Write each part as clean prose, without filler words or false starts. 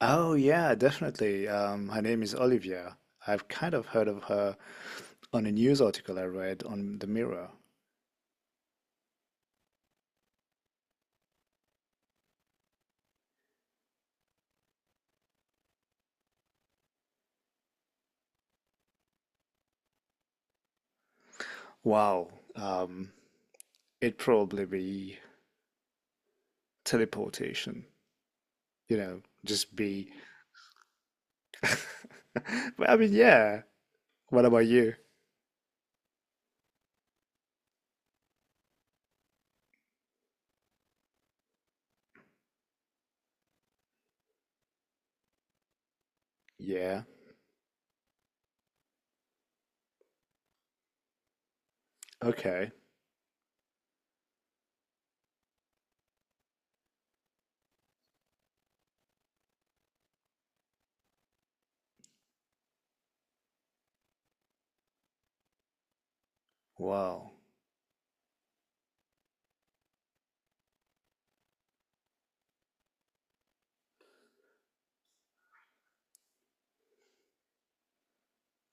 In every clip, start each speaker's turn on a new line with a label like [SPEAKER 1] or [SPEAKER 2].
[SPEAKER 1] Oh yeah, definitely. Her name is Olivia. I've kind of heard of her on a news article I read on the Mirror. Wow. Um, It'd probably be teleportation. You know, just be. But I mean, yeah. What about you? Yeah. Okay. Wow.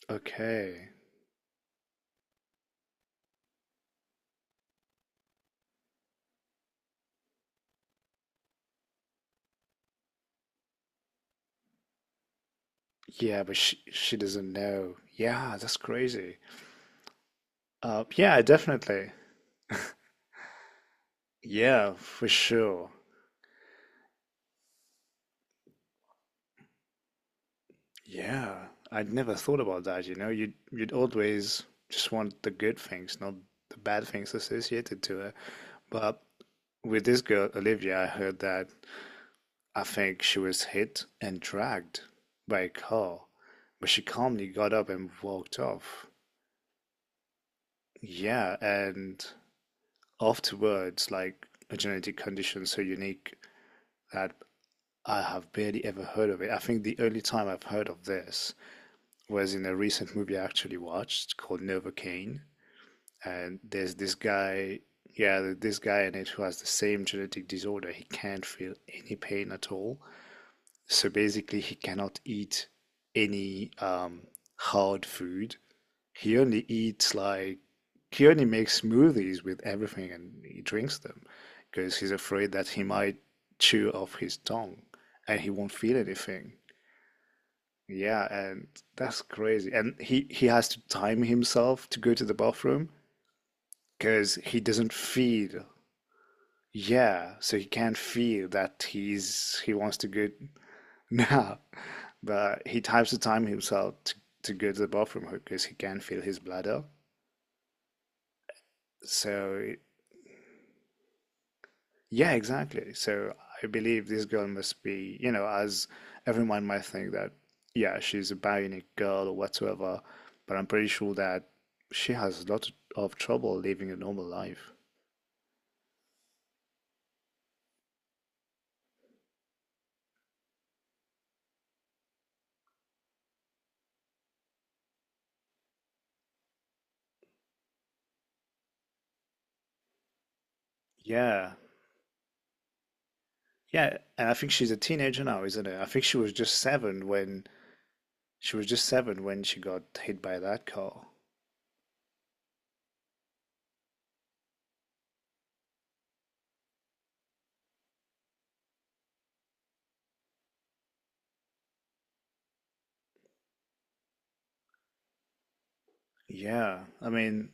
[SPEAKER 1] Okay. Yeah, but she doesn't know. Yeah, that's crazy. Yeah, definitely. Yeah, for sure. Yeah, I'd never thought about that, you know. You'd always just want the good things, not the bad things associated to it. But with this girl, Olivia, I heard that I think she was hit and dragged by a car, but she calmly got up and walked off. Yeah, and afterwards, like a genetic condition so unique that I have barely ever heard of it. I think the only time I've heard of this was in a recent movie I actually watched called Novocaine, and there's this guy, yeah, this guy in it who has the same genetic disorder. He can't feel any pain at all. So basically, he cannot eat any hard food. He only eats like he only makes smoothies with everything and he drinks them because he's afraid that he might chew off his tongue and he won't feel anything. Yeah, and that's crazy. And he has to time himself to go to the bathroom because he doesn't feel. Yeah, so he can't feel that he wants to go now, but he types the time himself to go to the bathroom because he can't feel his bladder. So yeah, exactly. So I believe this girl must be, you know, as everyone might think that yeah, she's a bionic girl or whatsoever, but I'm pretty sure that she has a lot of trouble living a normal life. Yeah. Yeah, and I think she's a teenager now, isn't it? I think she was just seven when she was just seven when she got hit by that car. Yeah, I mean,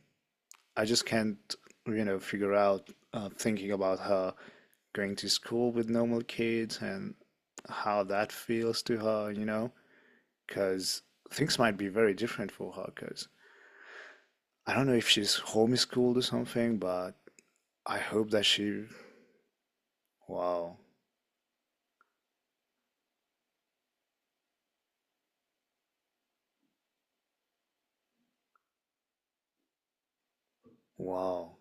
[SPEAKER 1] I just can't, you know, figure out thinking about her going to school with normal kids and how that feels to her, you know, because things might be very different for her. Because I don't know if she's homeschooled or something, but I hope that she, wow, wow,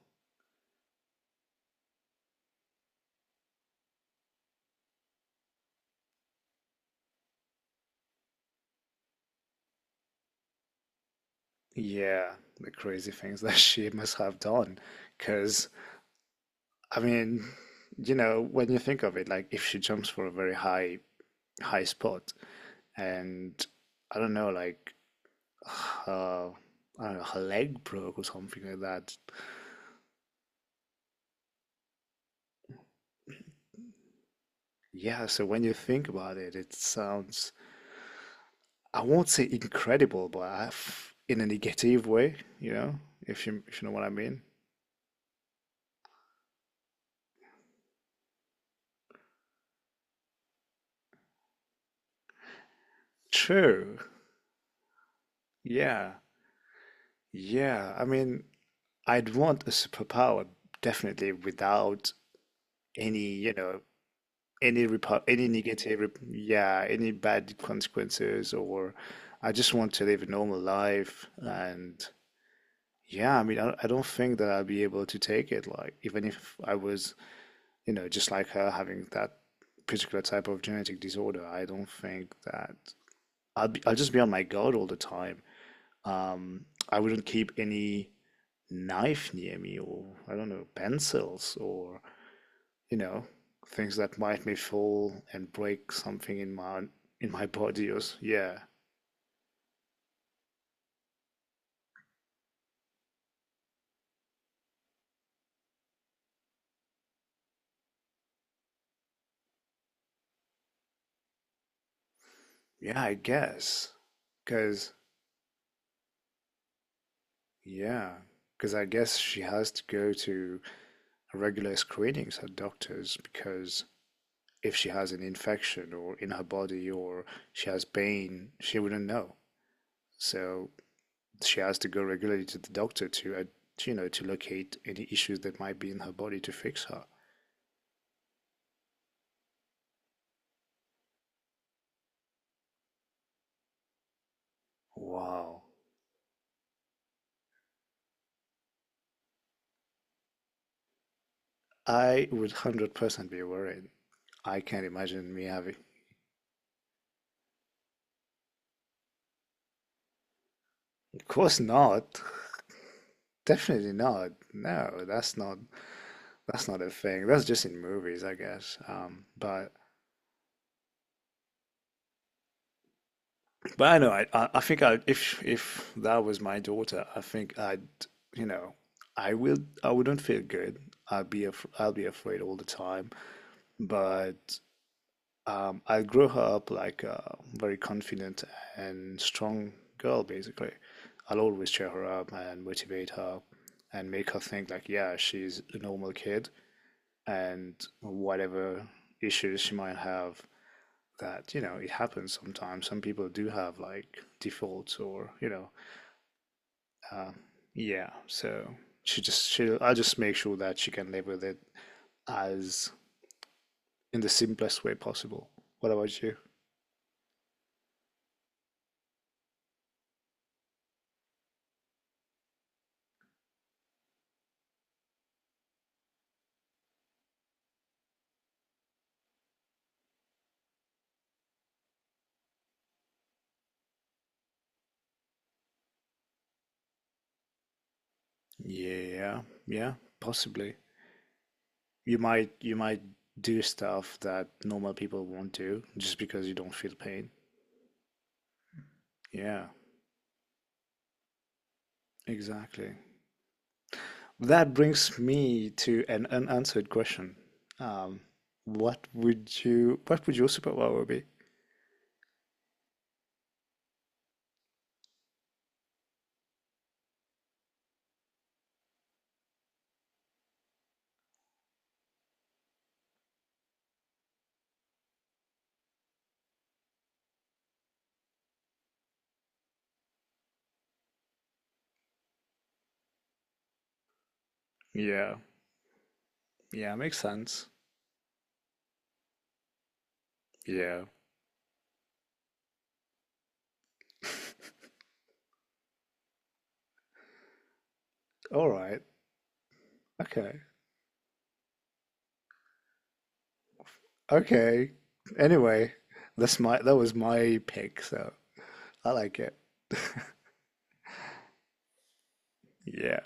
[SPEAKER 1] yeah, the crazy things that she must have done, because I mean, you know, when you think of it, like if she jumps for a very high spot, and I don't know, like uh, I don't know, her leg broke or something like that. Yeah, so when you think about it, it sounds I won't say incredible, but I f in a negative way, you know, if you know what I mean. True. Yeah. Yeah. I mean, I'd want a superpower definitely without any, you know, any repu any negative rep- yeah any bad consequences or I just want to live a normal life and yeah I mean I don't think that I'll be able to take it like even if I was you know just like her having that particular type of genetic disorder I don't think that I'll just be on my guard all the time I wouldn't keep any knife near me or I don't know pencils or you know, things that might me fall and break something in my body or yeah. Yeah, I guess. Cause yeah, cause I guess she has to go to regular screenings at doctors because if she has an infection or in her body or she has pain, she wouldn't know. So she has to go regularly to the doctor to, you know, to locate any issues that might be in her body to fix her. Wow. I would 100% be worried. I can't imagine me having. Of course not. Definitely not. No, that's not a thing. That's just in movies, I guess. But I know I think I if that was my daughter, I think I'd you know I will I wouldn't feel good. I'd be af I'll be afraid all the time. But I grew up like a very confident and strong girl, basically. I'll always cheer her up and motivate her and make her think like, yeah, she's a normal kid and whatever issues she might have, that, you know, it happens sometimes. Some people do have like defaults or, you know, uh, yeah. So she just, she, I just make sure that she can live with it as in the simplest way possible. What about you? Yeah, yeah, possibly. You might do stuff that normal people won't do just because you don't feel pain. Yeah, exactly. That brings me to an unanswered question. Um, what would you what would your superpower be? Yeah, yeah, makes sense. Yeah. All right. Okay. Okay. Anyway, that was my pick, so I like it. Yeah.